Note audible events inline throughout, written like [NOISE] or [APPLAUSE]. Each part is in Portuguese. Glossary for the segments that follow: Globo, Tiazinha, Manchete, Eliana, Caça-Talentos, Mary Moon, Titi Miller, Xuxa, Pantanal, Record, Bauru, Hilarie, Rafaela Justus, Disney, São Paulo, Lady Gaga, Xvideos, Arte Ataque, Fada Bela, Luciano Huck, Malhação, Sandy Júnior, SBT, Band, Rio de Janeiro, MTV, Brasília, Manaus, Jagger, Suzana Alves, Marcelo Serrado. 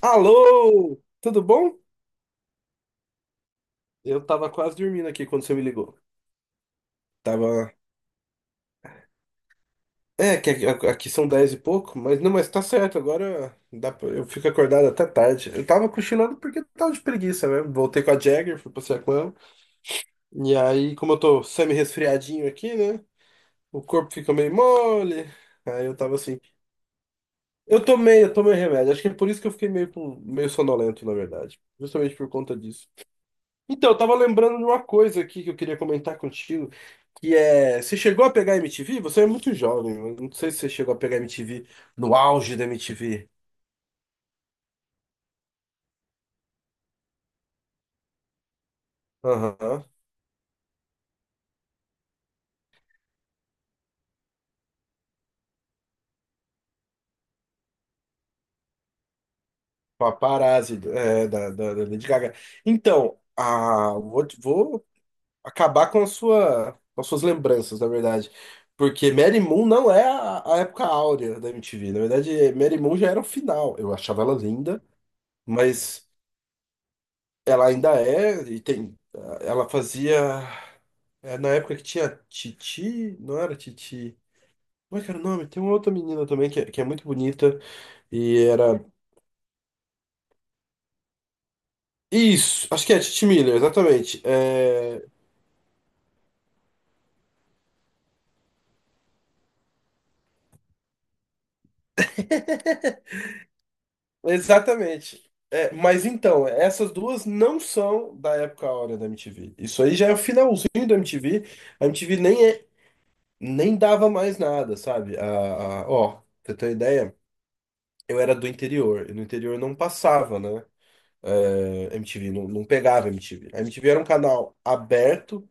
Alô, tudo bom? Eu tava quase dormindo aqui quando você me ligou. Tava. É, que aqui são 10 e pouco, mas não, mas tá certo, agora eu fico acordado até tarde. Eu tava cochilando porque eu tava de preguiça mesmo. Voltei com a Jagger, fui passear com ela. E aí, como eu tô semi-resfriadinho aqui, né? O corpo fica meio mole. Aí eu tava assim. Eu tomei remédio. Acho que é por isso que eu fiquei meio sonolento, na verdade. Justamente por conta disso. Então, eu tava lembrando de uma coisa aqui que eu queria comentar contigo. Que é. Você chegou a pegar MTV? Você é muito jovem. Eu não sei se você chegou a pegar MTV no auge da MTV. Aham. Paparazzi, é, da Lady Gaga. Então, vou acabar com as suas lembranças, na verdade. Porque Mary Moon não é a época áurea da MTV. Na verdade, Mary Moon já era o final. Eu achava ela linda, mas ela ainda é. E tem, ela fazia. É, na época que tinha Titi. Não era Titi. Como é que era o nome? Tem uma outra menina também que é muito bonita e era. Isso! Acho que é a Titi Miller, exatamente. Exatamente. É, mas então, essas duas não são da época áurea da MTV. Isso aí já é o finalzinho da MTV. A MTV nem, é, nem dava mais nada, sabe? Ó, pra você ter uma ideia, eu era do interior. E no interior não passava, né? É, MTV, não pegava MTV. A MTV era um canal aberto.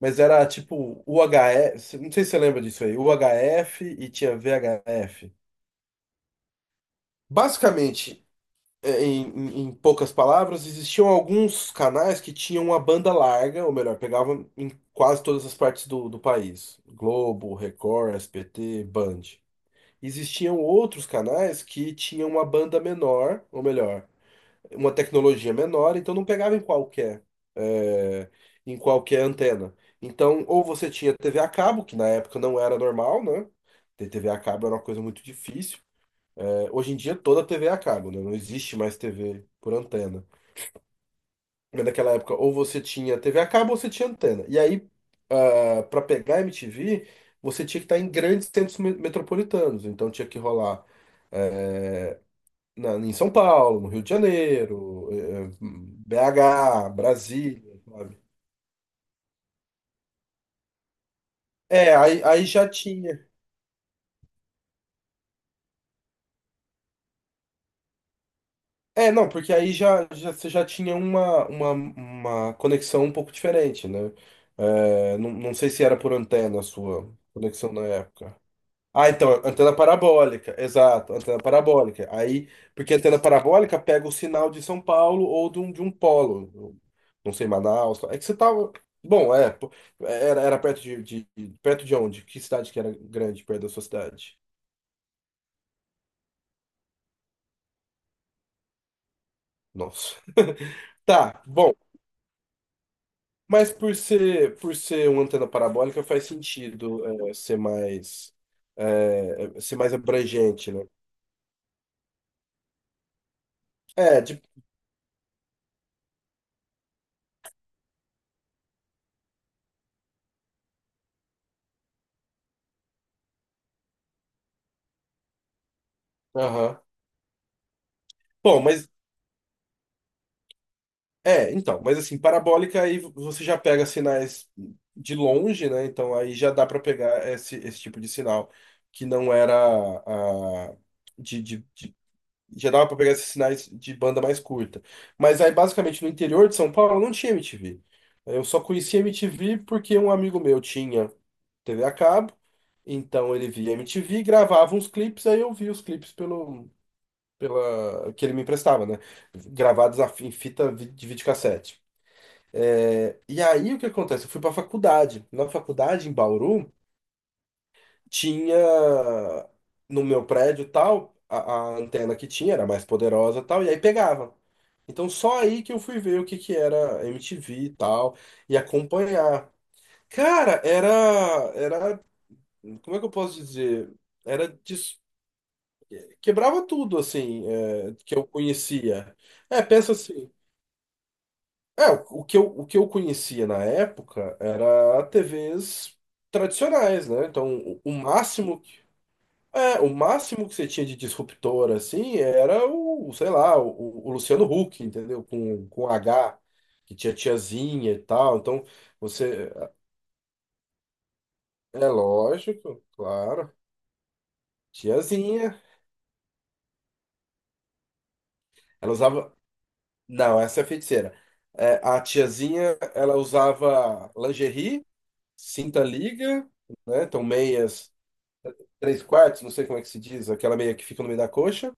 Mas era tipo UHF, não sei se você lembra disso aí, UHF e tinha VHF. Basicamente, é, em poucas palavras, existiam alguns canais que tinham uma banda larga, ou melhor, pegavam em quase todas as partes do país. Globo, Record, SBT, Band. Existiam outros canais que tinham uma banda menor, ou melhor, uma tecnologia menor, então não pegava eh, em qualquer antena. Então, ou você tinha TV a cabo, que na época não era normal, né? Ter TV a cabo era uma coisa muito difícil. Hoje em dia, toda TV é a cabo, né? Não existe mais TV por antena. Mas naquela época, ou você tinha TV a cabo ou você tinha antena. E aí, para pegar MTV, você tinha que estar em grandes centros metropolitanos. Então, tinha que rolar em São Paulo, no Rio de Janeiro, BH, Brasília, sabe? É, aí já tinha. É, não, porque aí já, você já tinha uma conexão um pouco diferente, né? É, não sei se era por antena a sua conexão na época. Ah, então, antena parabólica, exato, antena parabólica. Aí, porque a antena parabólica pega o sinal de São Paulo ou de um polo, não sei, Manaus. É que você tava. Bom, é, pô, era perto Perto de onde? Que cidade que era grande perto da sua cidade? Nossa. [LAUGHS] Tá, bom. Mas por ser uma antena parabólica, faz sentido é, ser mais. Ser mais abrangente, né? É, de. Aham. Bom, mas. É, então, mas assim, parabólica aí você já pega sinais de longe, né? Então aí já dá para pegar esse tipo de sinal que não era a, de- já dava para pegar esses sinais de banda mais curta. Mas aí basicamente no interior de São Paulo não tinha MTV. Eu só conhecia MTV porque um amigo meu tinha TV a cabo, então ele via MTV, gravava uns clipes, aí eu via os clipes pelo pela que ele me emprestava, né? Gravados em fita de videocassete. É, e aí o que acontece? Eu fui para faculdade. Na faculdade, em Bauru, tinha no meu prédio e tal, a antena que tinha era mais poderosa e tal, e aí pegava. Então só aí que eu fui ver o que que era MTV e tal, e acompanhar. Cara, era, como é que eu posso dizer? Era, quebrava tudo, assim, é, que eu conhecia. É, pensa assim. É, o que eu conhecia na época era TVs tradicionais, né? Então, o máximo que você tinha de disruptor, assim, era o, sei lá, o Luciano Huck, entendeu? Com H, que tinha tiazinha e tal. Então, você. É lógico, claro. Tiazinha. Ela usava. Não, essa é a feiticeira. É, a tiazinha, ela usava lingerie, cinta liga, né? Então, meias três quartos, não sei como é que se diz, aquela meia que fica no meio da coxa,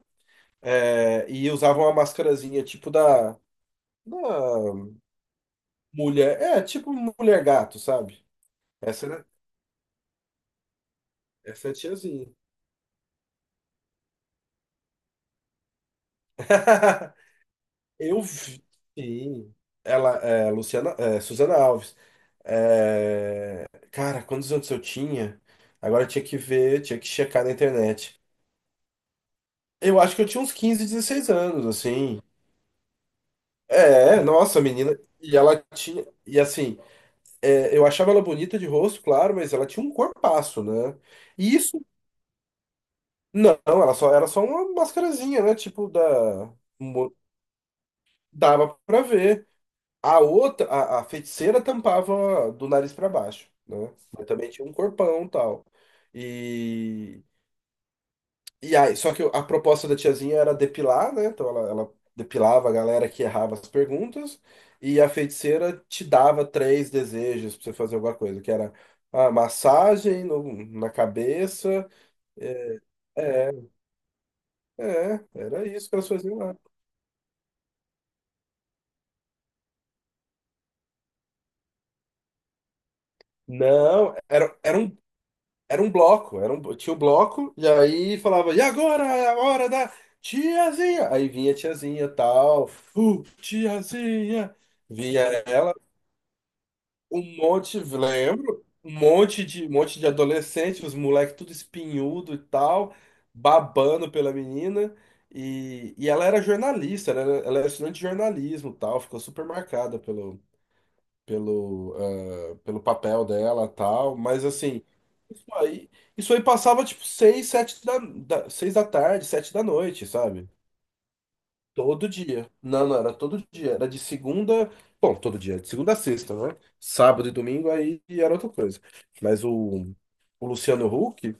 é, e usava uma mascarazinha tipo da mulher, é, tipo mulher gato, sabe? Essa era, essa é a tiazinha. [LAUGHS] Eu vi, sim. Ela, é, Suzana Alves. É, cara, quantos anos eu tinha? Agora eu tinha que ver, tinha que checar na internet. Eu acho que eu tinha uns 15, 16 anos, assim. É, nossa, menina. E ela tinha. E assim, é, eu achava ela bonita de rosto, claro, mas ela tinha um corpaço, né? E isso, não, ela só era só uma mascarazinha, né? Tipo, mo- dava pra ver. A outra, a feiticeira tampava do nariz pra baixo, né? Mas também tinha um corpão e tal. E, E aí, só que a proposta da tiazinha era depilar, né? Então ela depilava a galera que errava as perguntas, e a feiticeira te dava três desejos pra você fazer alguma coisa, que era a massagem na cabeça. É, é, era isso que elas faziam lá. Não, era, era um bloco, era um, tinha um bloco, e aí falava, e agora é a hora da tiazinha! Aí vinha a tiazinha, tal, tiazinha! Vinha ela. Um monte, lembro, um monte de adolescente, os moleques tudo espinhudo e tal, babando pela menina. E ela era jornalista, ela era estudante de jornalismo, e tal, ficou super marcada pelo, pelo papel dela, e tal. Mas assim, isso aí, isso aí passava tipo 6 da tarde, 7 da noite, sabe? Todo dia. Não, não, era todo dia. Era de segunda. Bom, todo dia, de segunda a sexta, né? Sábado e domingo aí era outra coisa. Mas o Luciano Huck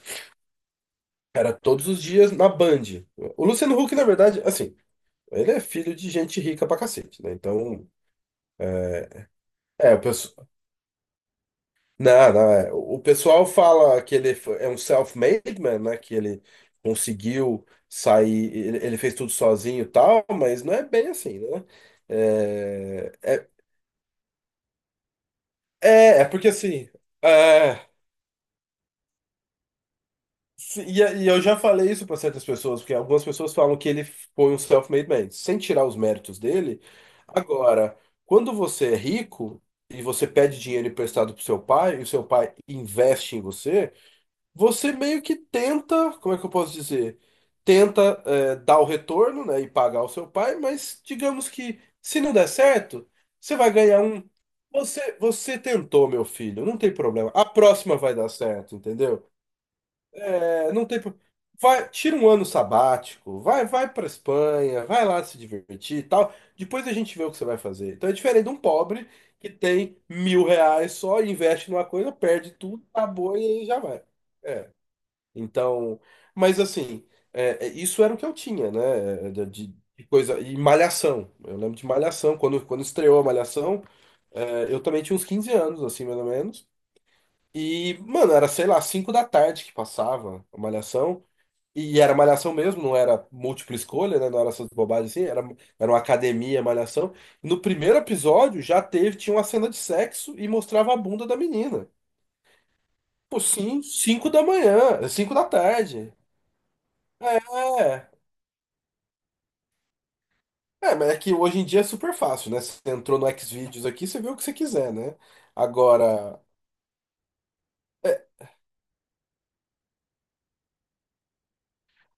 era todos os dias na Band. O Luciano Huck, na verdade, assim, ele é filho de gente rica pra cacete, né? Então, é, o pessoal. Não, não, é. O pessoal fala que ele é um self-made man, né? Que ele conseguiu sair, ele fez tudo sozinho e tal, mas não é bem assim, né? É, é, é porque assim, é, e eu já falei isso para certas pessoas, porque algumas pessoas falam que ele foi um self-made man, sem tirar os méritos dele. Agora, quando você é rico e você pede dinheiro emprestado pro seu pai, e o seu pai investe em você, você meio que tenta, como é que eu posso dizer? Tenta, é, dar o retorno, né, e pagar o seu pai, mas digamos que se não der certo, você vai ganhar um. Você tentou, meu filho, não tem problema. A próxima vai dar certo, entendeu? É, não tem. Vai, tira um ano sabático, vai para Espanha, vai lá se divertir e tal. Depois a gente vê o que você vai fazer. Então é diferente de um pobre que tem 1.000 reais só, investe numa coisa, perde tudo, acabou e aí já vai. É. Então, mas assim, é, é, isso era o que eu tinha, né? De coisa. E Malhação. Eu lembro de Malhação. Quando estreou a Malhação, é, eu também tinha uns 15 anos, assim, mais ou menos. E, mano, era, sei lá, 5 da tarde que passava a Malhação. E era Malhação mesmo, não era múltipla escolha, né? Não era essas bobagens assim, era uma academia Malhação. No primeiro episódio já teve, tinha uma cena de sexo e mostrava a bunda da menina. Pô, sim, 5 da manhã, 5 da tarde. É. É, É, mas é que hoje em dia é super fácil, né? Você entrou no Xvideos aqui, você vê o que você quiser, né? Agora. é-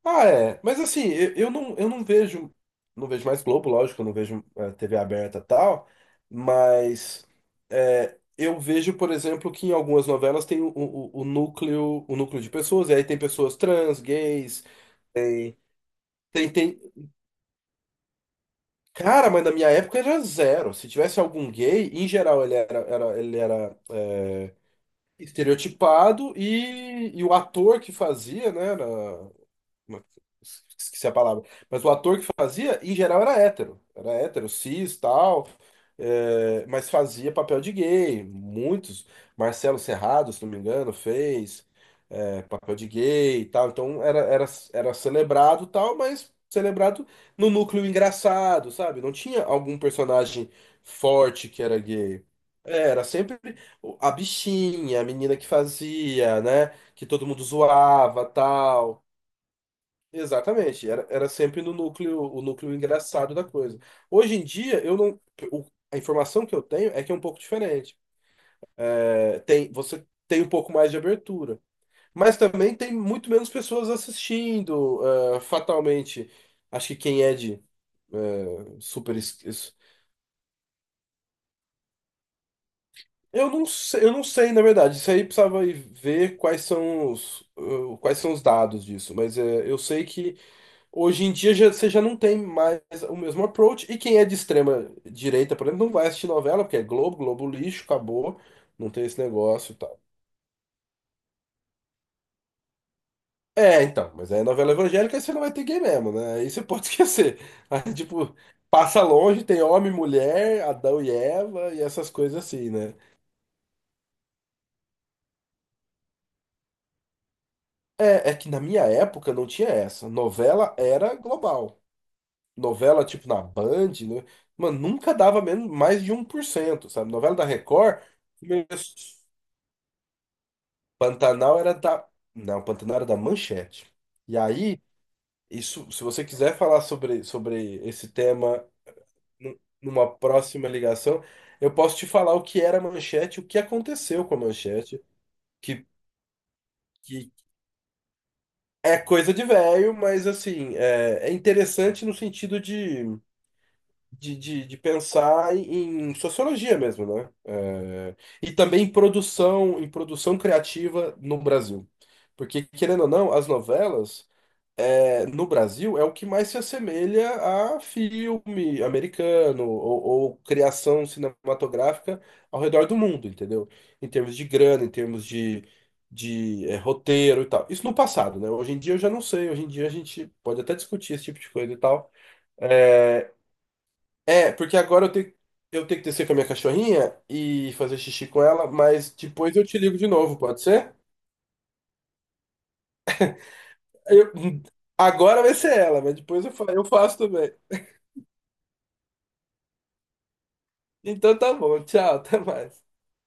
Ah, é. Mas assim, eu não vejo. Não vejo mais Globo, lógico, eu não vejo é, TV aberta e tal. Mas. É, eu vejo, por exemplo, que em algumas novelas tem o núcleo de pessoas, e aí tem pessoas trans, gays, tem, tem, tem- Cara, mas na minha época era zero. Se tivesse algum gay, em geral ele era estereotipado e o ator que fazia, né, uma- Esqueci a palavra. Mas o ator que fazia, em geral, era hétero. Era hétero, cis, tal. É, mas fazia papel de gay. Muitos. Marcelo Serrado, se não me engano, fez é, papel de gay e tal. Então era celebrado tal, mas celebrado no núcleo engraçado, sabe? Não tinha algum personagem forte que era gay. É, era sempre a bichinha, a menina que fazia, né? Que todo mundo zoava, tal. Exatamente, era sempre no núcleo, o núcleo engraçado da coisa. Hoje em dia, eu não, o- a informação que eu tenho é que é um pouco diferente. É, tem, você tem um pouco mais de abertura, mas também tem muito menos pessoas assistindo, é, fatalmente. Acho que quem é de é, eu não sei, na verdade. Isso aí precisava ir ver quais são os, eh, quais são os dados disso, mas é, eu sei que hoje em dia já, você já não tem mais o mesmo approach. E quem é de extrema direita, por exemplo, não vai assistir novela, porque é Globo, Globo lixo, acabou, não tem esse negócio e tal. É, então, mas aí é novela evangélica aí você não vai ter gay mesmo, né? Aí você pode [LAUGHS] esquecer. Aí, tipo, passa longe, tem homem, mulher, Adão e Eva e essas coisas assim, né? É, é que na minha época não tinha essa. Novela era global. Novela, tipo, na Band, né? Mano, nunca dava menos, mais de 1% sabe? Novela da Record. Pantanal era da. Não, Pantanal era da Manchete. E aí, isso, se você quiser falar sobre esse tema numa próxima ligação, eu posso te falar o que era a Manchete, o que aconteceu com a Manchete, que, que é coisa de velho, mas assim, é, é interessante no sentido de pensar em sociologia mesmo, né? É, e também em produção criativa no Brasil. Porque, querendo ou não, as novelas. É, no Brasil é o que mais se assemelha a filme americano ou criação cinematográfica ao redor do mundo, entendeu? Em termos de grana, em termos de é, roteiro e tal. Isso no passado, né? Hoje em dia eu já não sei. Hoje em dia a gente pode até discutir esse tipo de coisa e tal. É, é porque agora eu tenho que descer com a minha cachorrinha e fazer xixi com ela, mas depois eu te ligo de novo, pode ser? Eu- Agora vai ser ela, mas depois eu faço também. Então tá bom, tchau, até mais.